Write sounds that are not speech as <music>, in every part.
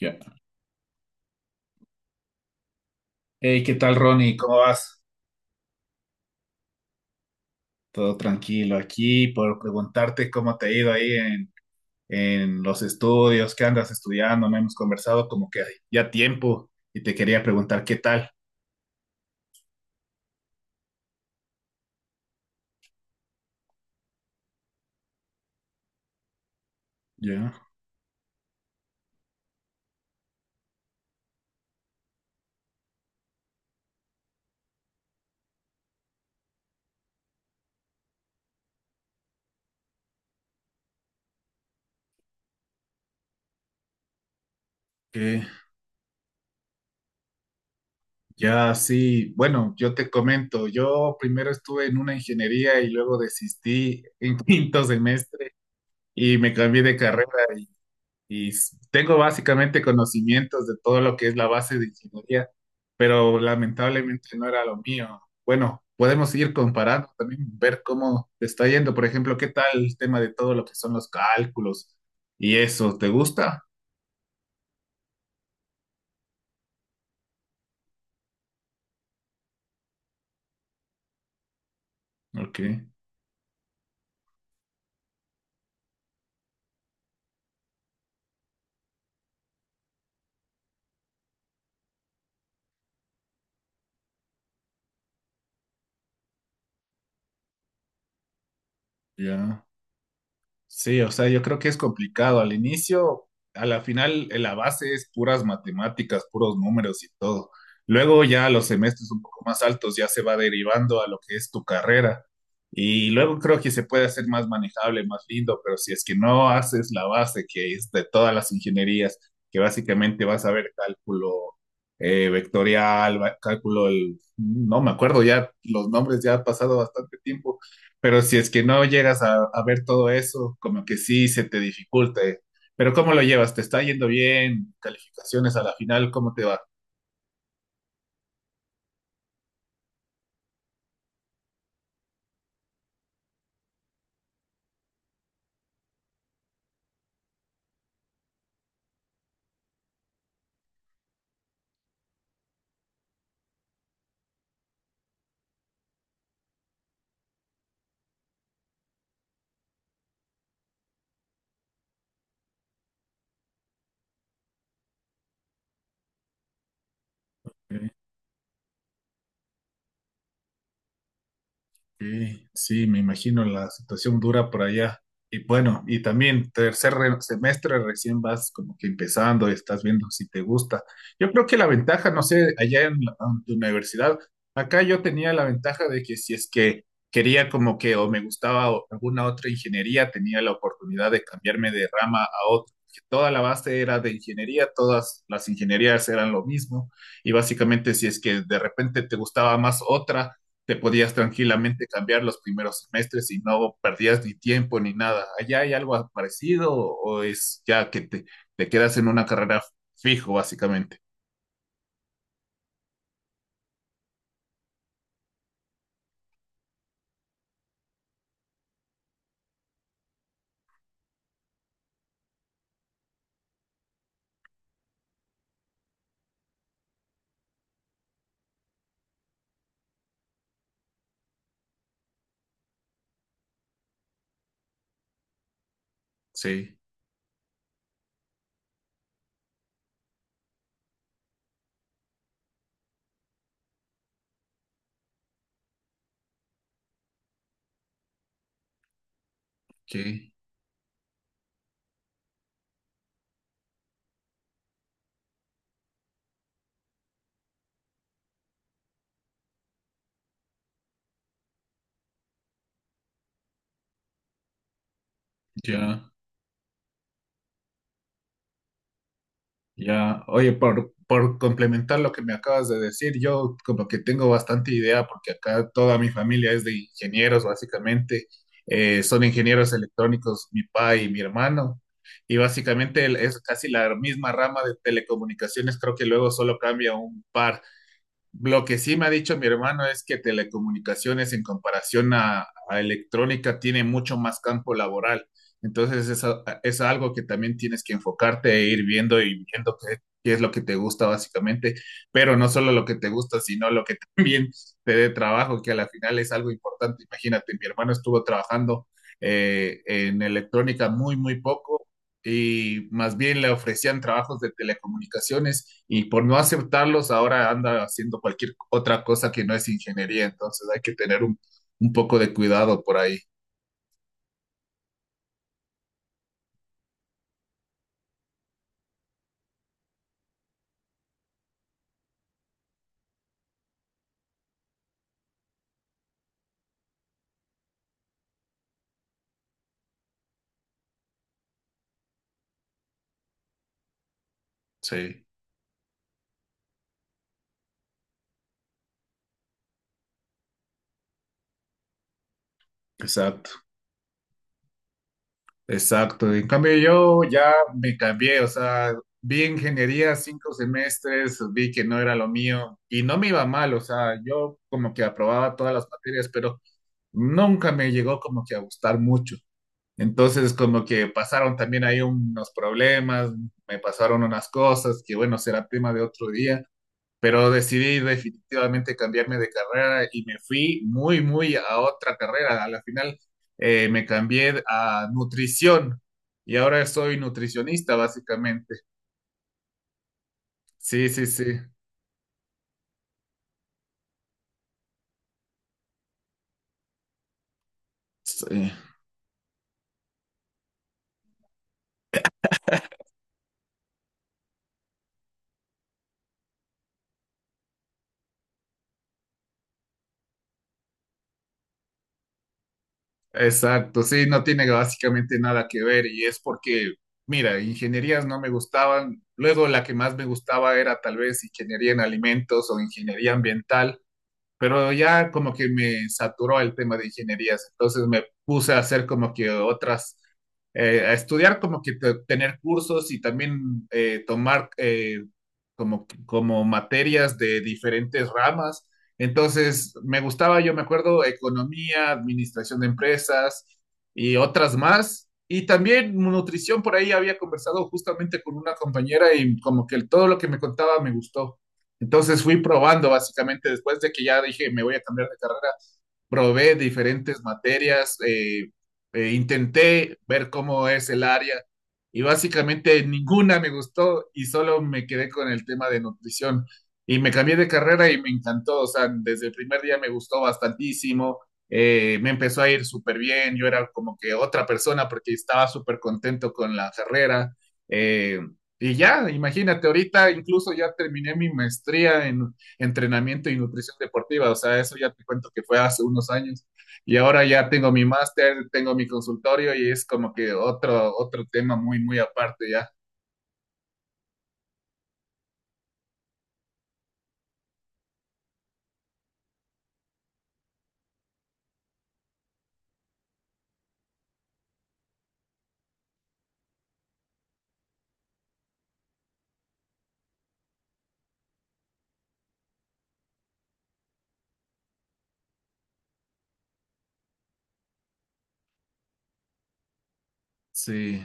Ya. Hey, ¿qué tal, Ronnie? ¿Cómo vas? Todo tranquilo aquí por preguntarte cómo te ha ido ahí en los estudios, qué andas estudiando. No hemos conversado como que ya tiempo y te quería preguntar qué tal. Ya, que ya sí. Bueno, yo te comento, yo primero estuve en una ingeniería y luego desistí en <laughs> quinto semestre y me cambié de carrera y tengo básicamente conocimientos de todo lo que es la base de ingeniería, pero lamentablemente no era lo mío. Bueno, podemos ir comparando también, ver cómo te está yendo. Por ejemplo, ¿qué tal el tema de todo lo que son los cálculos y eso? ¿Te gusta? Ok, ya. Sí, o sea, yo creo que es complicado al inicio, a la final la base es puras matemáticas, puros números y todo. Luego ya los semestres un poco más altos ya se va derivando a lo que es tu carrera. Y luego creo que se puede hacer más manejable, más lindo, pero si es que no haces la base, que es de todas las ingenierías, que básicamente vas a ver cálculo vectorial, cálculo, no me acuerdo ya los nombres, ya ha pasado bastante tiempo, pero si es que no llegas a ver todo eso, como que sí se te dificulta, ¿eh? Pero ¿cómo lo llevas? ¿Te está yendo bien? ¿Calificaciones a la final? ¿Cómo te va? Sí, sí, me imagino la situación dura por allá. Y bueno, y también tercer semestre recién vas como que empezando, estás viendo si te gusta. Yo creo que la ventaja, no sé, en tu universidad, acá yo tenía la ventaja de que si es que quería como que o me gustaba alguna otra ingeniería, tenía la oportunidad de cambiarme de rama a otra. Que toda la base era de ingeniería, todas las ingenierías eran lo mismo. Y básicamente si es que de repente te gustaba más otra, te podías tranquilamente cambiar los primeros semestres y no perdías ni tiempo ni nada. ¿Allá hay algo parecido o es ya que te quedas en una carrera fijo, básicamente? Sí, que ya. ya, oye, por complementar lo que me acabas de decir, yo como que tengo bastante idea porque acá toda mi familia es de ingenieros, básicamente. Son ingenieros electrónicos, mi papá y mi hermano, y básicamente es casi la misma rama de telecomunicaciones, creo que luego solo cambia un par. Lo que sí me ha dicho mi hermano es que telecomunicaciones en comparación a electrónica tiene mucho más campo laboral. Entonces es, es algo que también tienes que enfocarte e ir viendo y viendo qué, qué es lo que te gusta básicamente, pero no solo lo que te gusta, sino lo que <laughs> también te dé trabajo, que a la final es algo importante. Imagínate, mi hermano estuvo trabajando en electrónica muy, muy poco y más bien le ofrecían trabajos de telecomunicaciones y por no aceptarlos ahora anda haciendo cualquier otra cosa que no es ingeniería, entonces hay que tener un poco de cuidado por ahí. Sí, exacto, exacto. En cambio yo ya me cambié, o sea, vi ingeniería cinco semestres, vi que no era lo mío y no me iba mal, o sea, yo como que aprobaba todas las materias, pero nunca me llegó como que a gustar mucho. Entonces, como que pasaron también ahí unos problemas, me pasaron unas cosas que, bueno, será tema de otro día, pero decidí definitivamente cambiarme de carrera y me fui muy, muy a otra carrera. A la final me cambié a nutrición y ahora soy nutricionista, básicamente. Sí, sí, sí. Sí. Exacto, sí, no tiene básicamente nada que ver y es porque, mira, ingenierías no me gustaban, luego la que más me gustaba era tal vez ingeniería en alimentos o ingeniería ambiental, pero ya como que me saturó el tema de ingenierías, entonces me puse a hacer como que otras, a estudiar como que tener cursos y también tomar como materias de diferentes ramas. Entonces me gustaba, yo me acuerdo, economía, administración de empresas y otras más. Y también nutrición, por ahí había conversado justamente con una compañera y como que todo lo que me contaba me gustó. Entonces fui probando básicamente después de que ya dije me voy a cambiar de carrera, probé diferentes materias, intenté ver cómo es el área y básicamente ninguna me gustó y solo me quedé con el tema de nutrición y me cambié de carrera y me encantó, o sea, desde el primer día me gustó bastantísimo, me empezó a ir súper bien, yo era como que otra persona porque estaba súper contento con la carrera. eh, y ya, imagínate, ahorita incluso ya terminé mi maestría en entrenamiento y nutrición deportiva, o sea, eso ya te cuento que fue hace unos años. Y ahora ya tengo mi máster, tengo mi consultorio y es como que otro, otro tema muy, muy aparte ya. Sí,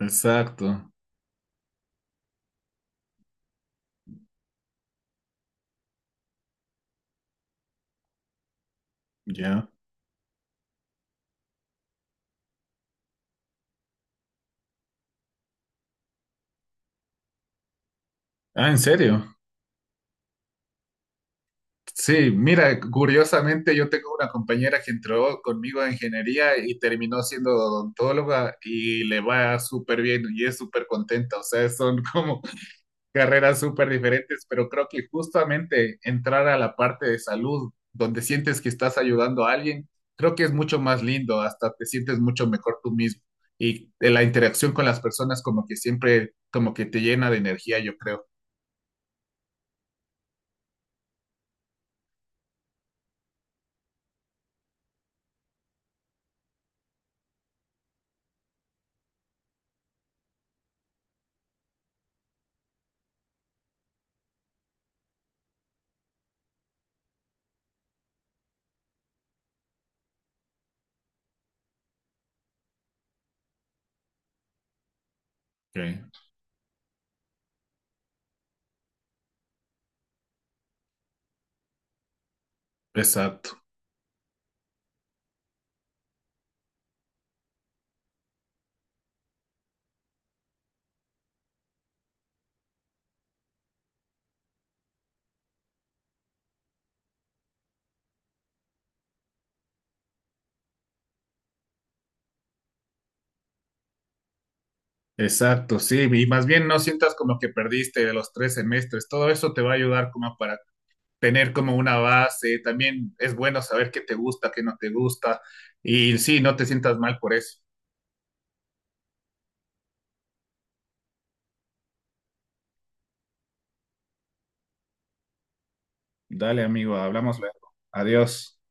exacto, ya. Ah, ¿en serio? Sí, mira, curiosamente yo tengo una compañera que entró conmigo a ingeniería y terminó siendo odontóloga y le va súper bien y es súper contenta. O sea, son como carreras súper diferentes, pero creo que justamente entrar a la parte de salud, donde sientes que estás ayudando a alguien, creo que es mucho más lindo, hasta te sientes mucho mejor tú mismo. Y de la interacción con las personas como que siempre, como que te llena de energía, yo creo. Que Exacto. Exacto, sí, y más bien no sientas como que perdiste de los tres semestres, todo eso te va a ayudar como para tener como una base, también es bueno saber qué te gusta, qué no te gusta, y sí, no te sientas mal por eso. Dale, amigo, hablamos luego. Adiós.